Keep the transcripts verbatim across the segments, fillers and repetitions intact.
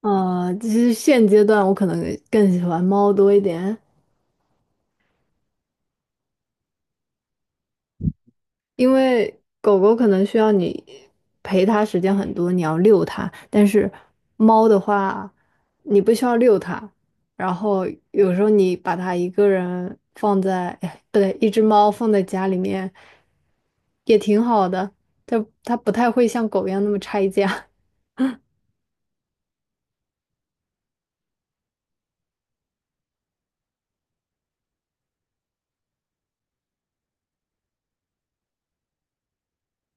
呃，其实现阶段我可能更喜欢猫多一点，因为狗狗可能需要你陪它时间很多，你要遛它，但是猫的话，你不需要遛它，然后有时候你把它一个人放在，哎不对，一只猫放在家里面也挺好的，它它不太会像狗一样那么拆家。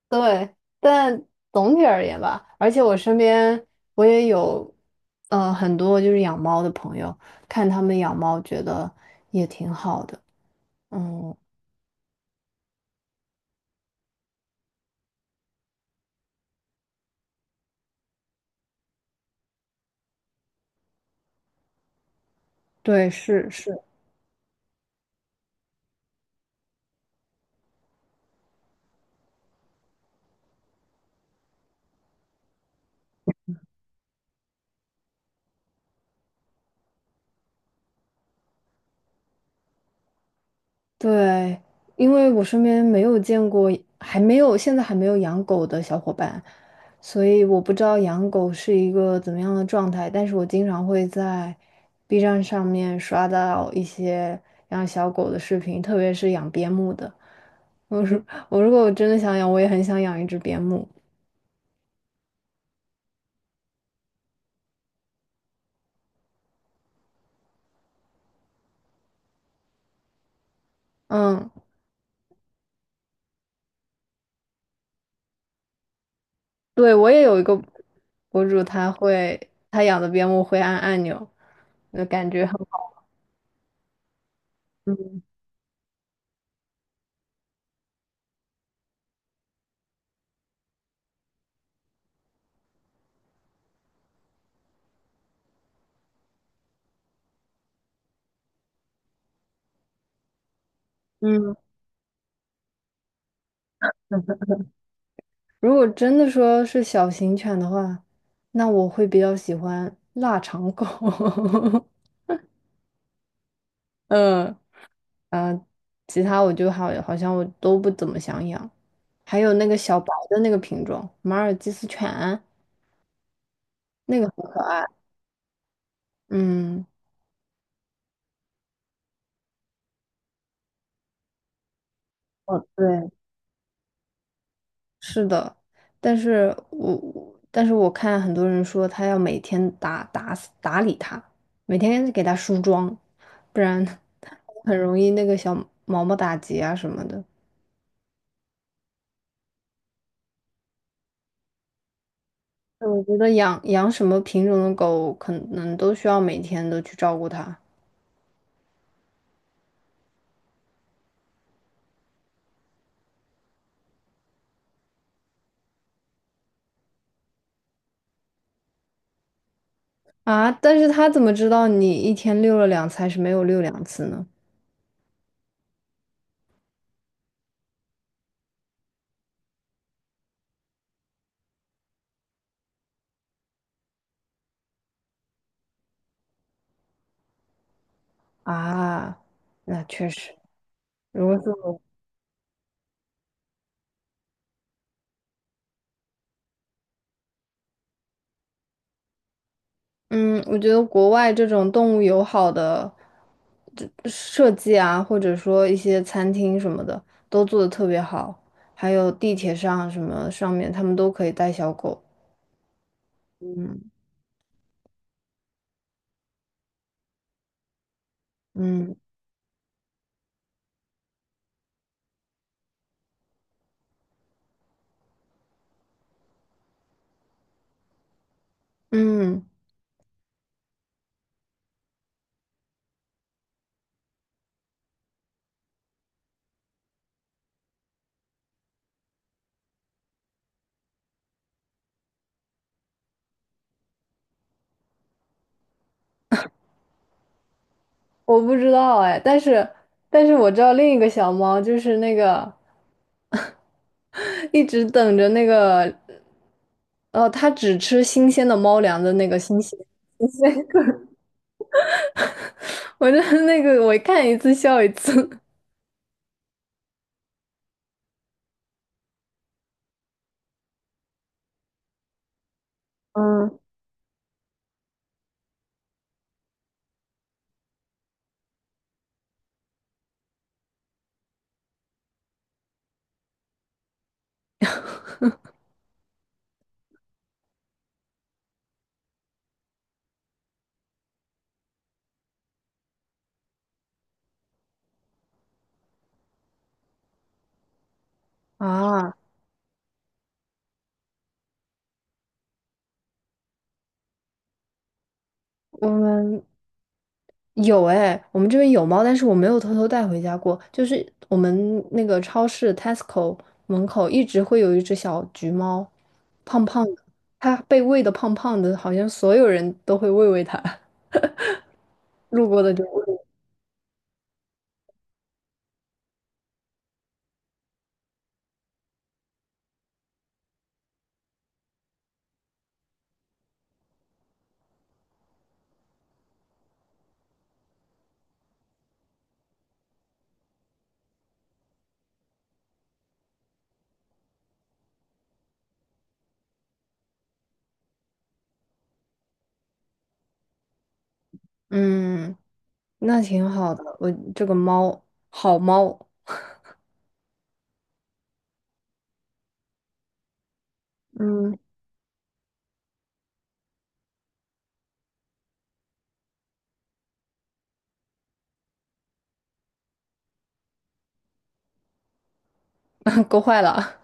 对，但总体而言吧，而且我身边我也有，呃，很多就是养猫的朋友，看他们养猫觉得也挺好的。嗯，对，是是。对，因为我身边没有见过，还没有，现在还没有养狗的小伙伴，所以我不知道养狗是一个怎么样的状态。但是我经常会在 B 站上面刷到一些养小狗的视频，特别是养边牧的。我如我如果我真的想养，我也很想养一只边牧。嗯，对，我也有一个博主，他会他养的边牧会按按钮，那感觉很好。嗯。如果真的说是小型犬的话，那我会比较喜欢腊肠狗。嗯，啊，其他我就好，好像我都不怎么想养。还有那个小白的那个品种，马尔济斯犬，那个很可爱。嗯，哦，对，是的，但是我但是我看很多人说他要每天打打打理它，每天给它梳妆，不然 很容易那个小毛毛打结啊什么的。我觉得养养什么品种的狗，可能都需要每天都去照顾它啊。但是它怎么知道你一天遛了两次还是没有遛两次呢？啊，那确实，如果是我，嗯，我觉得国外这种动物友好的这设计啊，或者说一些餐厅什么的，都做的特别好，还有地铁上什么上面，他们都可以带小狗。嗯嗯。我不知道哎，但是但是我知道另一个小猫就是那个 一直等着那个，呃，它只吃新鲜的猫粮的那个新鲜新鲜，我真的那个我看一次笑一次。嗯啊，我们有哎，我们这边有猫，但是我没有偷偷带回家过。就是我们那个超市 Tesco 门口一直会有一只小橘猫，胖胖的，它被喂的胖胖的，好像所有人都会喂喂它，路过的就喂。嗯，那挺好的。我这个猫，好猫，嗯，够坏了。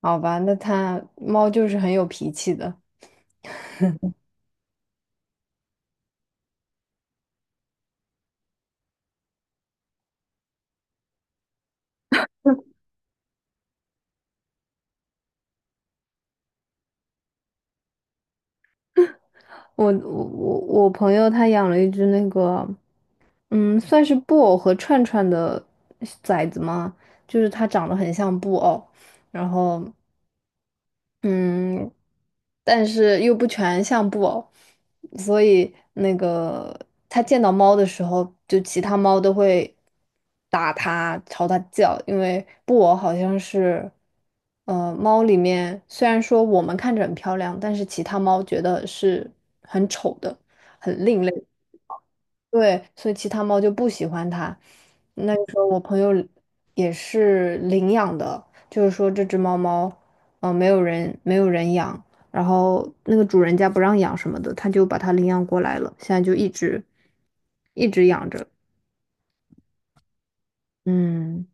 好吧，那它猫就是很有脾气的。我我我我朋友他养了一只那个，嗯，算是布偶和串串的崽子吗？就是它长得很像布偶，然后嗯，但是又不全像布偶，所以那个它见到猫的时候，就其他猫都会打它、朝它叫，因为布偶好像是，呃，猫里面虽然说我们看着很漂亮，但是其他猫觉得是很丑的、很另类。对，所以其他猫就不喜欢它。那个时候我朋友也是领养的，就是说这只猫猫，嗯、没有人没有人养，然后那个主人家不让养什么的，他就把它领养过来了，现在就一直一直养着。嗯，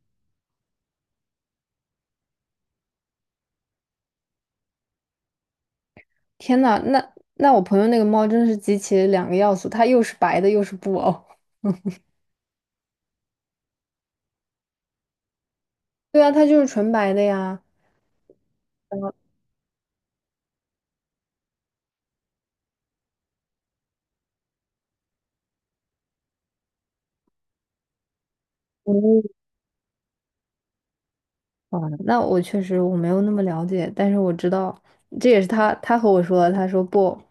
天呐，那那我朋友那个猫真是集齐了两个要素，它又是白的，又是布偶。对啊，它就是纯白的呀。哦哦，那我确实我没有那么了解，但是我知道，这也是他他和我说的，他说布偶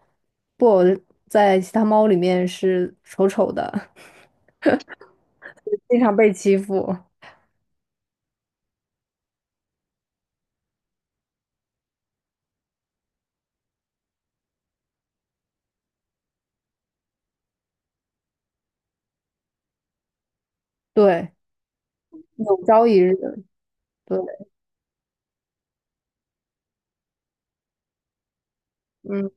布偶在其他猫里面是丑丑的，经常被欺负，对，有朝一日，对，嗯，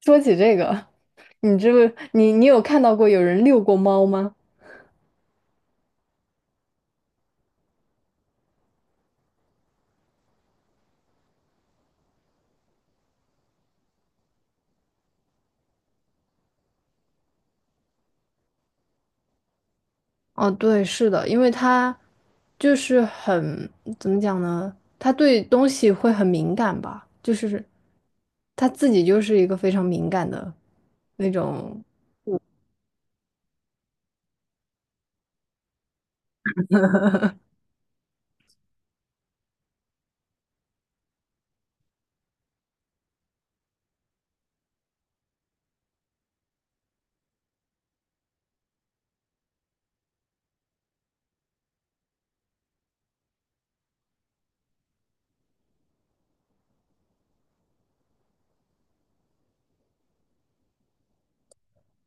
说起这个，你这不，你你有看到过有人遛过猫吗？哦，对，是的，因为他就是很，怎么讲呢？他对东西会很敏感吧，就是他自己就是一个非常敏感的那种。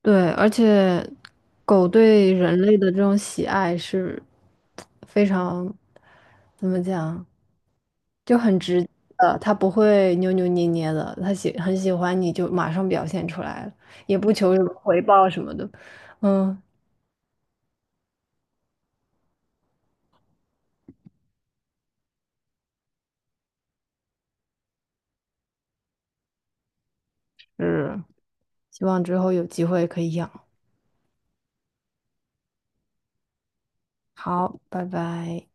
对，而且狗对人类的这种喜爱是非常，怎么讲，就很直接的，它不会扭扭捏捏的，它喜很喜欢你就马上表现出来了，也不求什么回报什么的。嗯，是。希望之后有机会可以养。好，拜拜。